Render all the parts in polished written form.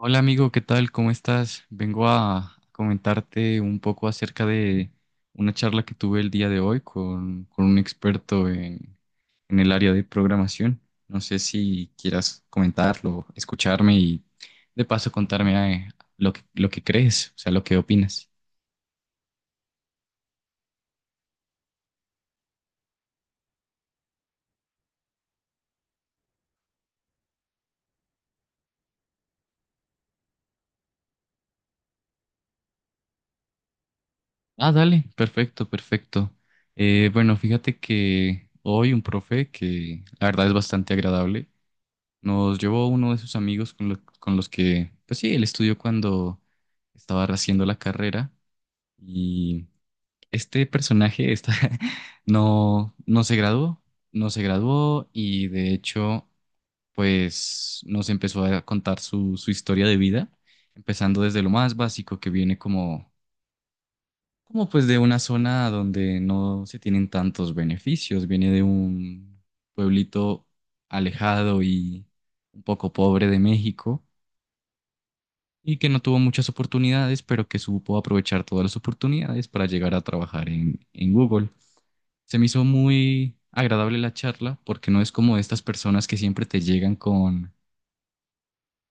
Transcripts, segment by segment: Hola amigo, ¿qué tal? ¿Cómo estás? Vengo a comentarte un poco acerca de una charla que tuve el día de hoy con un experto en el área de programación. No sé si quieras comentarlo, escucharme y de paso contarme lo que crees, o sea, lo que opinas. Ah, dale, perfecto, perfecto. Bueno, fíjate que hoy un profe que la verdad es bastante agradable. Nos llevó uno de sus amigos con los que, pues sí, él estudió cuando estaba haciendo la carrera y este personaje está, no, no se graduó, no se graduó y de hecho, pues nos empezó a contar su historia de vida, empezando desde lo más básico que viene como, como pues de una zona donde no se tienen tantos beneficios, viene de un pueblito alejado y un poco pobre de México y que no tuvo muchas oportunidades, pero que supo aprovechar todas las oportunidades para llegar a trabajar en Google. Se me hizo muy agradable la charla porque no es como estas personas que siempre te llegan con,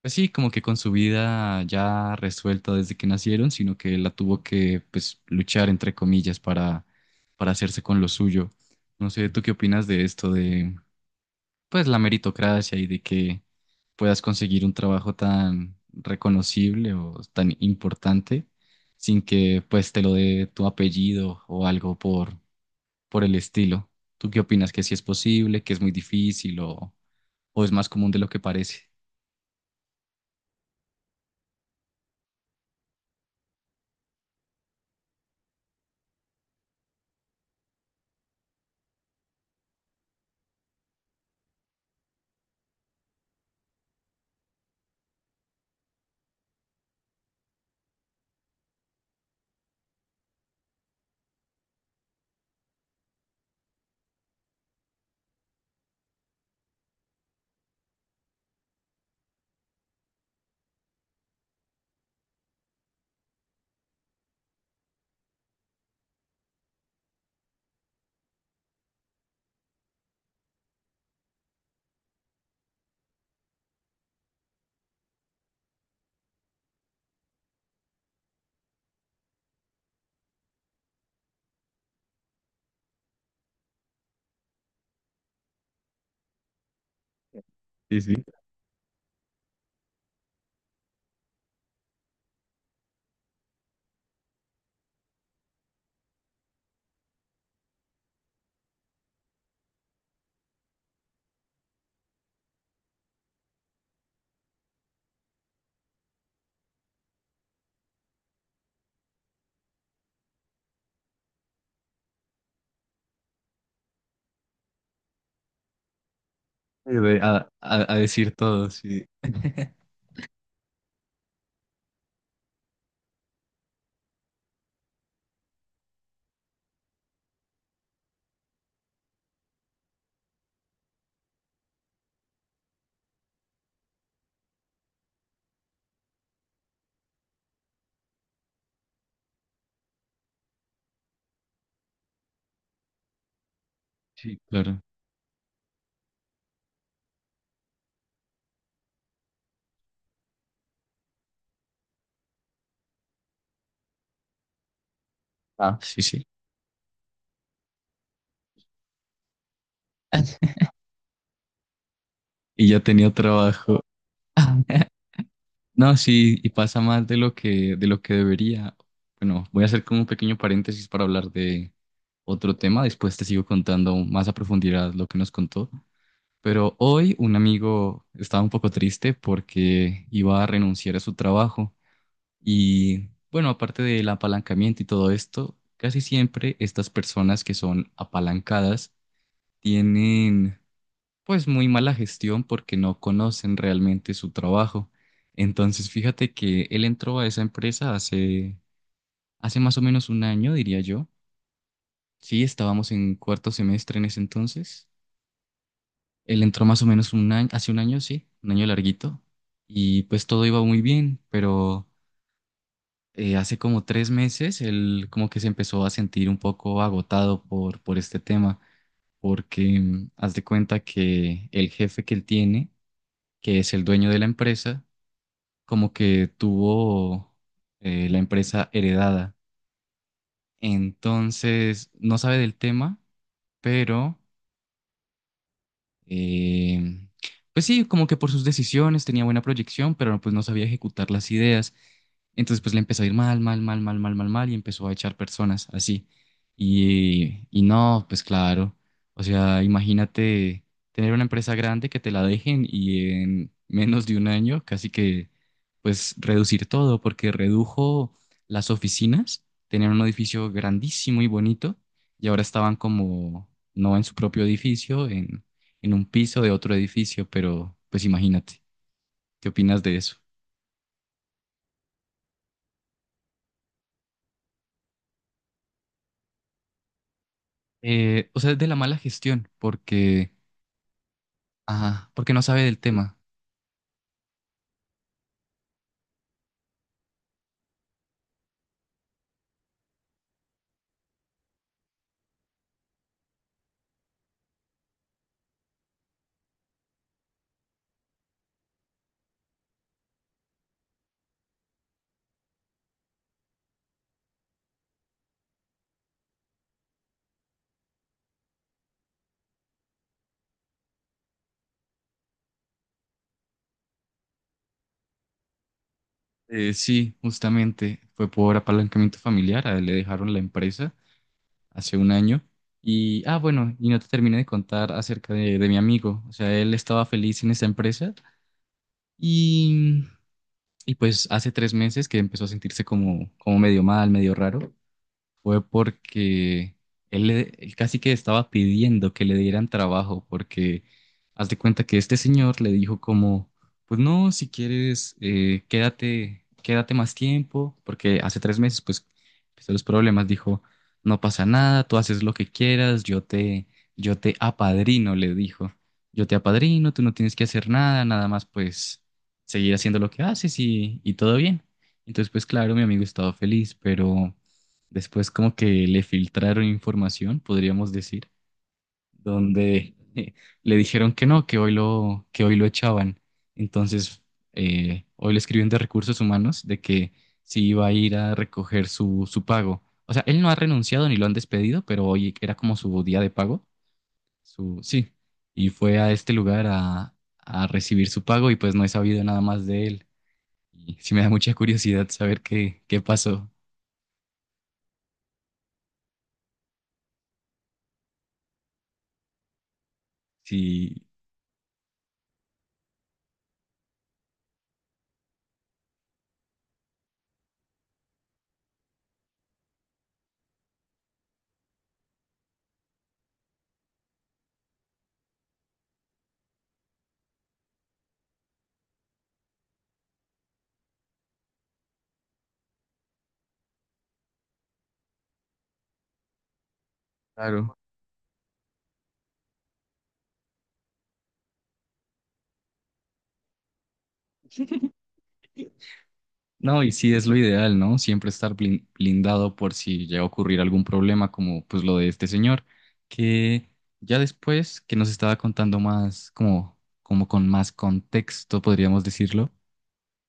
pues sí, como que con su vida ya resuelta desde que nacieron, sino que la tuvo que, pues, luchar entre comillas para hacerse con lo suyo. No sé, ¿tú qué opinas de esto de, pues la meritocracia y de que puedas conseguir un trabajo tan reconocible o tan importante sin que pues te lo dé tu apellido o algo por el estilo? ¿Tú qué opinas? ¿Que sí es posible, que es muy difícil o es más común de lo que parece? Sí, sí. A decir todo, sí. Sí, claro. Ah, sí, sí. Y ya tenía trabajo. No, sí, y pasa más de lo que debería. Bueno, voy a hacer como un pequeño paréntesis para hablar de otro tema. Después te sigo contando más a profundidad lo que nos contó. Pero hoy un amigo estaba un poco triste porque iba a renunciar a su trabajo. Y bueno, aparte del apalancamiento y todo esto, casi siempre estas personas que son apalancadas tienen pues muy mala gestión porque no conocen realmente su trabajo. Entonces, fíjate que él entró a esa empresa hace más o menos un año, diría yo. Sí, estábamos en cuarto semestre en ese entonces. Él entró más o menos un año, hace un año, sí, un año larguito. Y pues todo iba muy bien, pero hace como tres meses él como que se empezó a sentir un poco agotado por este tema, porque haz de cuenta que el jefe que él tiene, que es el dueño de la empresa, como que tuvo la empresa heredada. Entonces, no sabe del tema, pero eh, pues sí, como que por sus decisiones tenía buena proyección, pero pues no sabía ejecutar las ideas. Entonces pues le empezó a ir mal, mal, mal, mal, mal, mal, mal y empezó a echar personas así. Y no, pues claro. O sea, imagínate tener una empresa grande que te la dejen y en menos de un año casi que pues reducir todo, porque redujo las oficinas, tenían un edificio grandísimo y bonito y ahora estaban como no en su propio edificio, en un piso de otro edificio, pero pues imagínate, ¿qué opinas de eso? O sea, es de la mala gestión, porque, ajá, porque no sabe del tema. Sí, justamente fue por apalancamiento familiar, a él le dejaron la empresa hace un año. Y, ah, bueno, y no te terminé de contar acerca de mi amigo. O sea, él estaba feliz en esa empresa y, y pues hace tres meses que empezó a sentirse como, como medio mal, medio raro. Fue porque él casi que estaba pidiendo que le dieran trabajo, porque haz de cuenta que este señor le dijo como, pues no, si quieres, quédate, quédate más tiempo, porque hace tres meses pues empezó los problemas, dijo, no pasa nada, tú haces lo que quieras, yo te apadrino, le dijo, yo te apadrino, tú no tienes que hacer nada, nada más pues seguir haciendo lo que haces y todo bien. Entonces, pues claro, mi amigo estaba feliz, pero después como que le filtraron información, podríamos decir, donde le dijeron que no, que hoy lo echaban. Entonces, hoy le escribieron de recursos humanos de que sí iba a ir a recoger su pago. O sea, él no ha renunciado ni lo han despedido, pero hoy era como su día de pago, sí, y fue a este lugar a recibir su pago y pues no he sabido nada más de él. Y sí me da mucha curiosidad saber qué pasó. Sí, claro. No, y sí es lo ideal, ¿no? Siempre estar blindado por si llega a ocurrir algún problema como pues lo de este señor, que ya después que nos estaba contando más, como, como con más contexto, podríamos decirlo,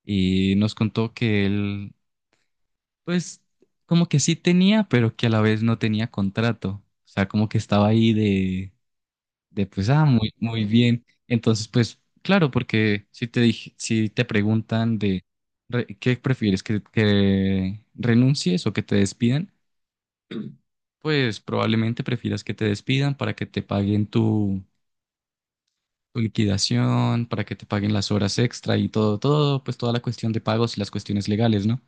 y nos contó que él, pues como que sí tenía, pero que a la vez no tenía contrato, o sea, como que estaba ahí de pues, ah, muy, muy bien. Entonces, pues, claro, porque si te dije, si te preguntan de qué prefieres, que renuncies o que te despidan, pues probablemente prefieras que te despidan para que te paguen tu liquidación, para que te paguen las horas extra y todo, todo, pues toda la cuestión de pagos y las cuestiones legales, ¿no?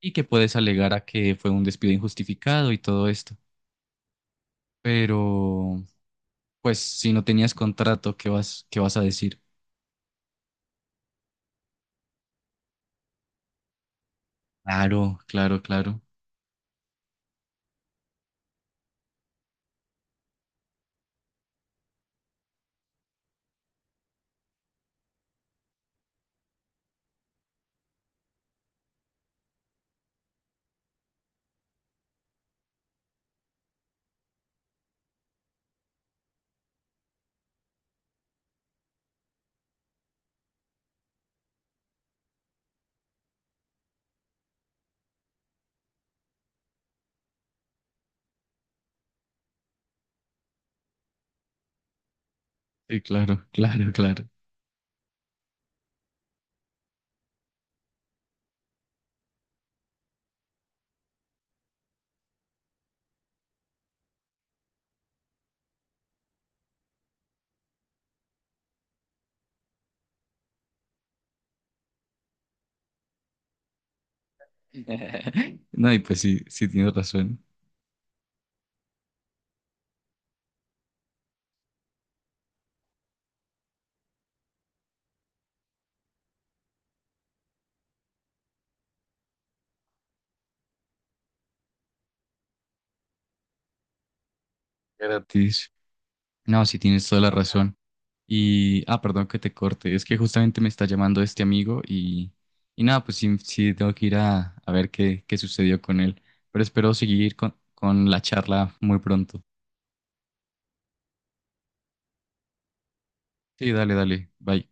Y que puedes alegar a que fue un despido injustificado y todo esto. Pero, pues, si no tenías contrato, ¿qué vas a decir? Claro, claro, claro. Sí, claro, claro, claro. No, y pues sí, sí tienes razón. Gratis. No, sí tienes toda la razón. Y, ah, perdón que te corte. Es que justamente me está llamando este amigo y nada, pues sí, sí tengo que ir a ver qué, qué sucedió con él. Pero espero seguir con la charla muy pronto. Sí, dale, dale. Bye.